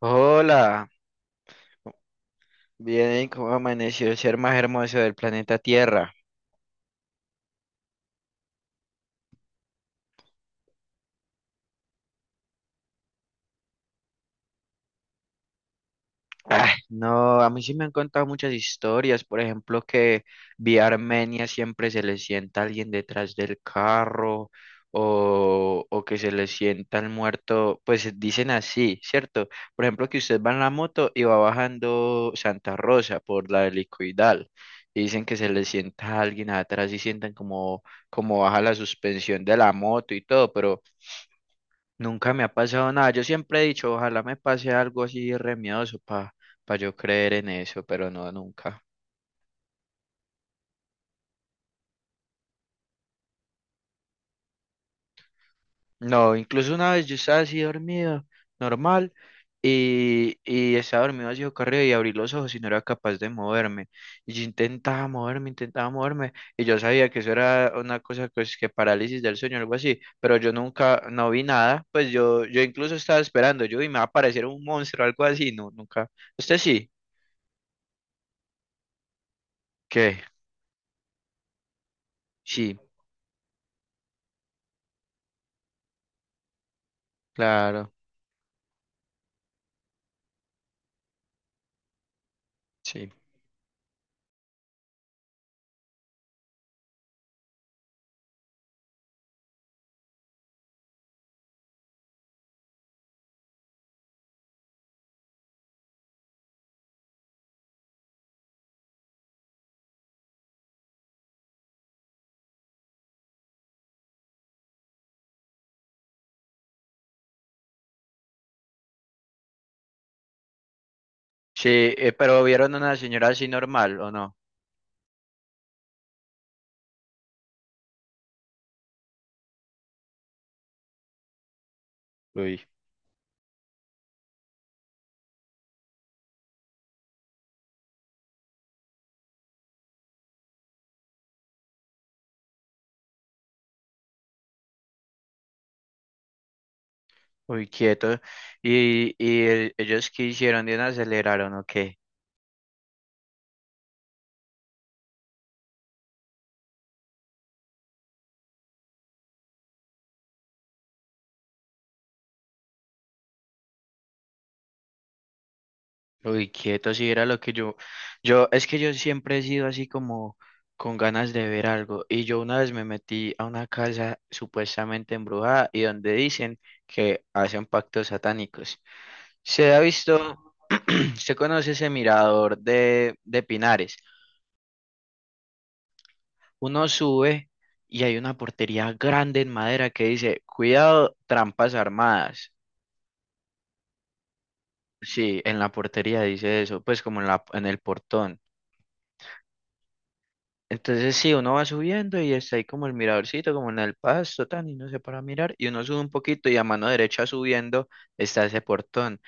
Hola, bien, ¿cómo amaneció el ser más hermoso del planeta Tierra? Ah, no, a mí sí me han contado muchas historias, por ejemplo, que vía Armenia siempre se le sienta alguien detrás del carro o que se le sienta el muerto, pues dicen así, ¿cierto? Por ejemplo, que usted va en la moto y va bajando Santa Rosa por la helicoidal y dicen que se le sienta alguien atrás y sientan como, como baja la suspensión de la moto y todo, pero nunca me ha pasado nada. Yo siempre he dicho, ojalá me pase algo así re miedoso para yo creer en eso, pero no, nunca. No, incluso una vez yo estaba así dormido, normal, y estaba dormido así corrido y abrí los ojos y no era capaz de moverme. Y yo intentaba moverme, y yo sabía que eso era una cosa pues, que parálisis del sueño algo así, pero yo nunca, no vi nada, pues yo incluso estaba esperando, yo y me va a aparecer un monstruo algo así, no, nunca. ¿Usted sí? ¿Qué? Sí, claro. Sí, sí, pero vieron una señora así normal, ¿o no? Uy, uy, quieto. Y ellos qué hicieron? ¿Bien aceleraron o qué? Uy, quieto, sí, era lo que yo, es que yo siempre he sido así como con ganas de ver algo. Y yo una vez me metí a una casa supuestamente embrujada y donde dicen que hacen pactos satánicos. Se ha visto, se conoce ese mirador de Pinares. Uno sube y hay una portería grande en madera que dice, cuidado, trampas armadas. Sí, en la portería dice eso, pues como en la, en el portón. Entonces sí, uno va subiendo y está ahí como el miradorcito, como en el pasto, tan, y no sé para mirar, y uno sube un poquito y a mano derecha subiendo está ese portón.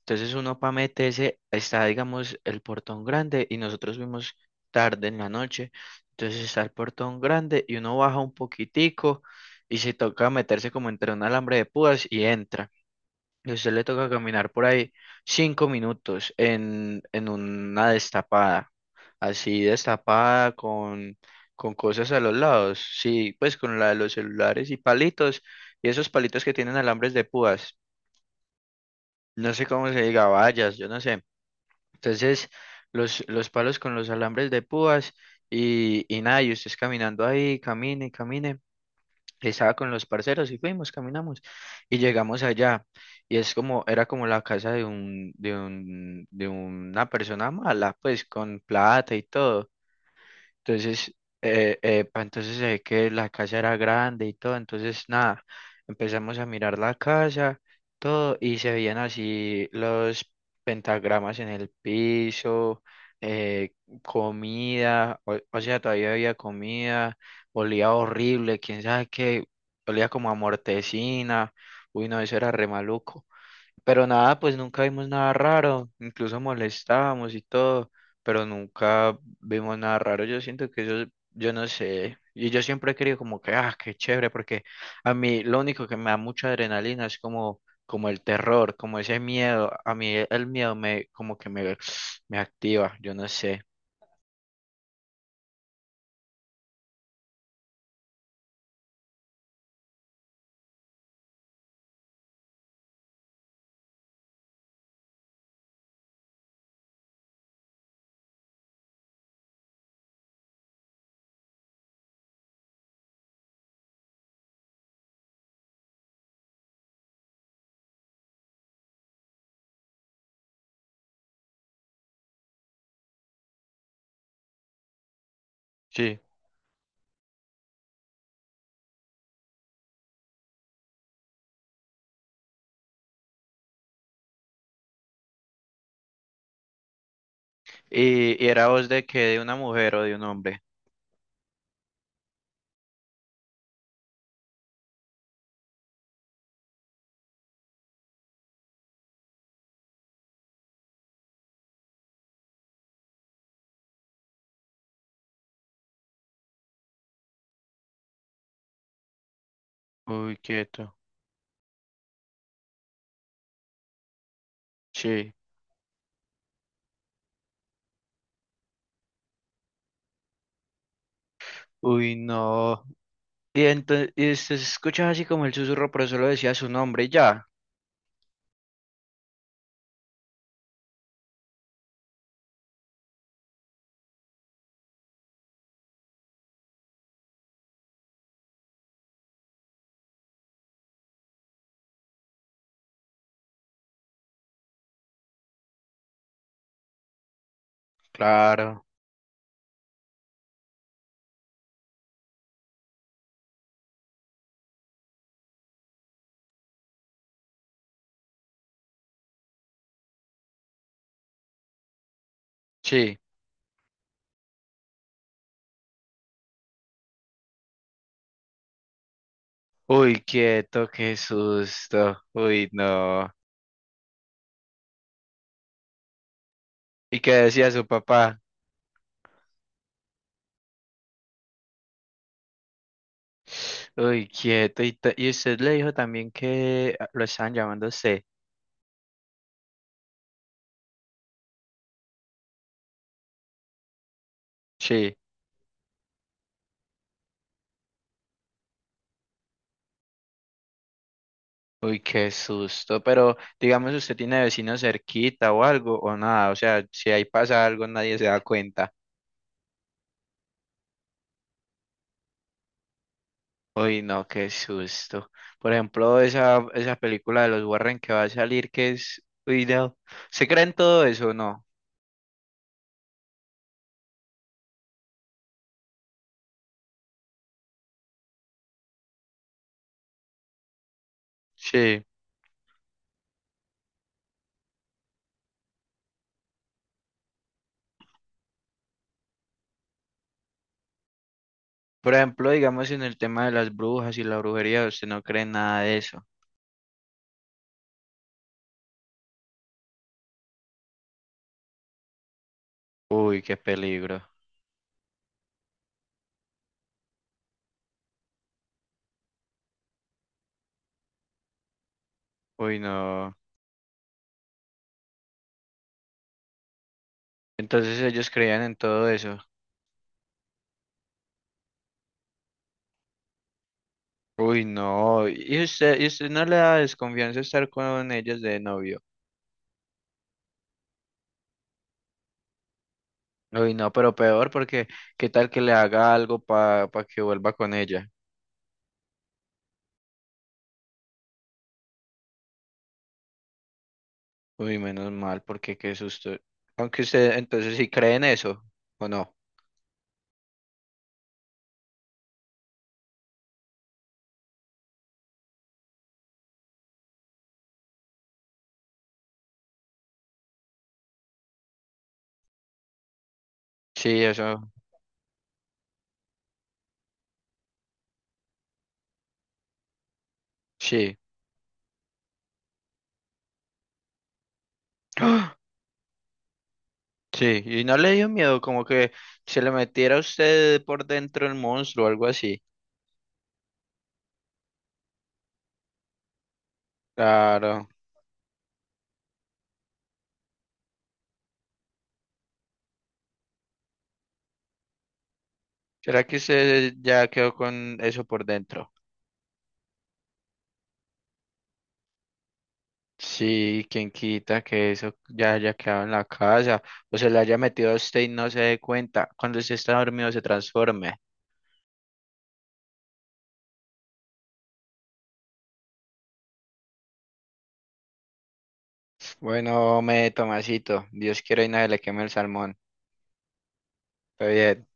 Entonces uno para meterse está, digamos, el portón grande y nosotros fuimos tarde en la noche. Entonces está el portón grande y uno baja un poquitico y se toca meterse como entre un alambre de púas y entra. Y a usted le toca caminar por ahí cinco minutos en una destapada, así destapada con cosas a los lados. Sí, pues con la de los celulares y palitos y esos palitos que tienen alambres de púas. No sé cómo se diga, vallas, yo no sé. Entonces, los palos con los alambres de púas y nada, y ustedes caminando ahí, camine, camine. Estaba con los parceros y fuimos, caminamos y llegamos allá. Y es como, era como la casa de un, de un, de una persona mala, pues con plata y todo. Entonces, entonces se ve que la casa era grande y todo. Entonces, nada, empezamos a mirar la casa, todo, y se veían así los pentagramas en el piso, eh, comida, o sea, todavía había comida, olía horrible, quién sabe qué, olía como a mortecina. Uy, no, eso era re maluco. Pero nada, pues nunca vimos nada raro, incluso molestábamos y todo, pero nunca vimos nada raro. Yo siento que yo no sé, y yo siempre he querido como que, ah, qué chévere, porque a mí lo único que me da mucha adrenalina es como, como el terror, como ese miedo. A mí el miedo me, como que me, me activa, yo no sé. Sí. Y era voz de que de una mujer o de un hombre. Uy, quieto. Sí. Uy, no. Y entonces y se escuchaba así como el susurro, pero solo decía su nombre y ya. Claro, sí. Uy, quieto, qué susto. Uy, no. ¿Y qué decía su papá? Uy, quieto. Y, y usted le dijo también que ah, lo estaban llamando a usted. Sí. Uy, qué susto. Pero digamos, usted tiene vecinos cerquita o algo o nada. O sea, si ahí pasa algo, nadie se da cuenta. Uy, no, qué susto. Por ejemplo, esa película de los Warren que va a salir, que es... Uy, no. ¿Se creen todo eso o no? Sí. Por ejemplo, digamos en el tema de las brujas y la brujería, usted no cree en nada de eso. Uy, qué peligro. Uy, no. Entonces ellos creían en todo eso. Uy, no. Y usted no le da desconfianza estar con ellos de novio? Uy, no, pero peor porque ¿qué tal que le haga algo para que vuelva con ella? Uy, menos mal, porque qué susto. Aunque usted entonces sí cree en eso, ¿o no? Sí, eso, sí. ¡Ah! Sí, y no le dio miedo, como que se le metiera a usted por dentro el monstruo o algo así. Claro. ¿Será que usted ya quedó con eso por dentro? Sí, quien quita que eso ya haya quedado en la casa o se le haya metido a usted y no se dé cuenta. Cuando usted está dormido se transforme. Bueno, me Tomasito, Dios quiera y nadie le queme el salmón. Está bien.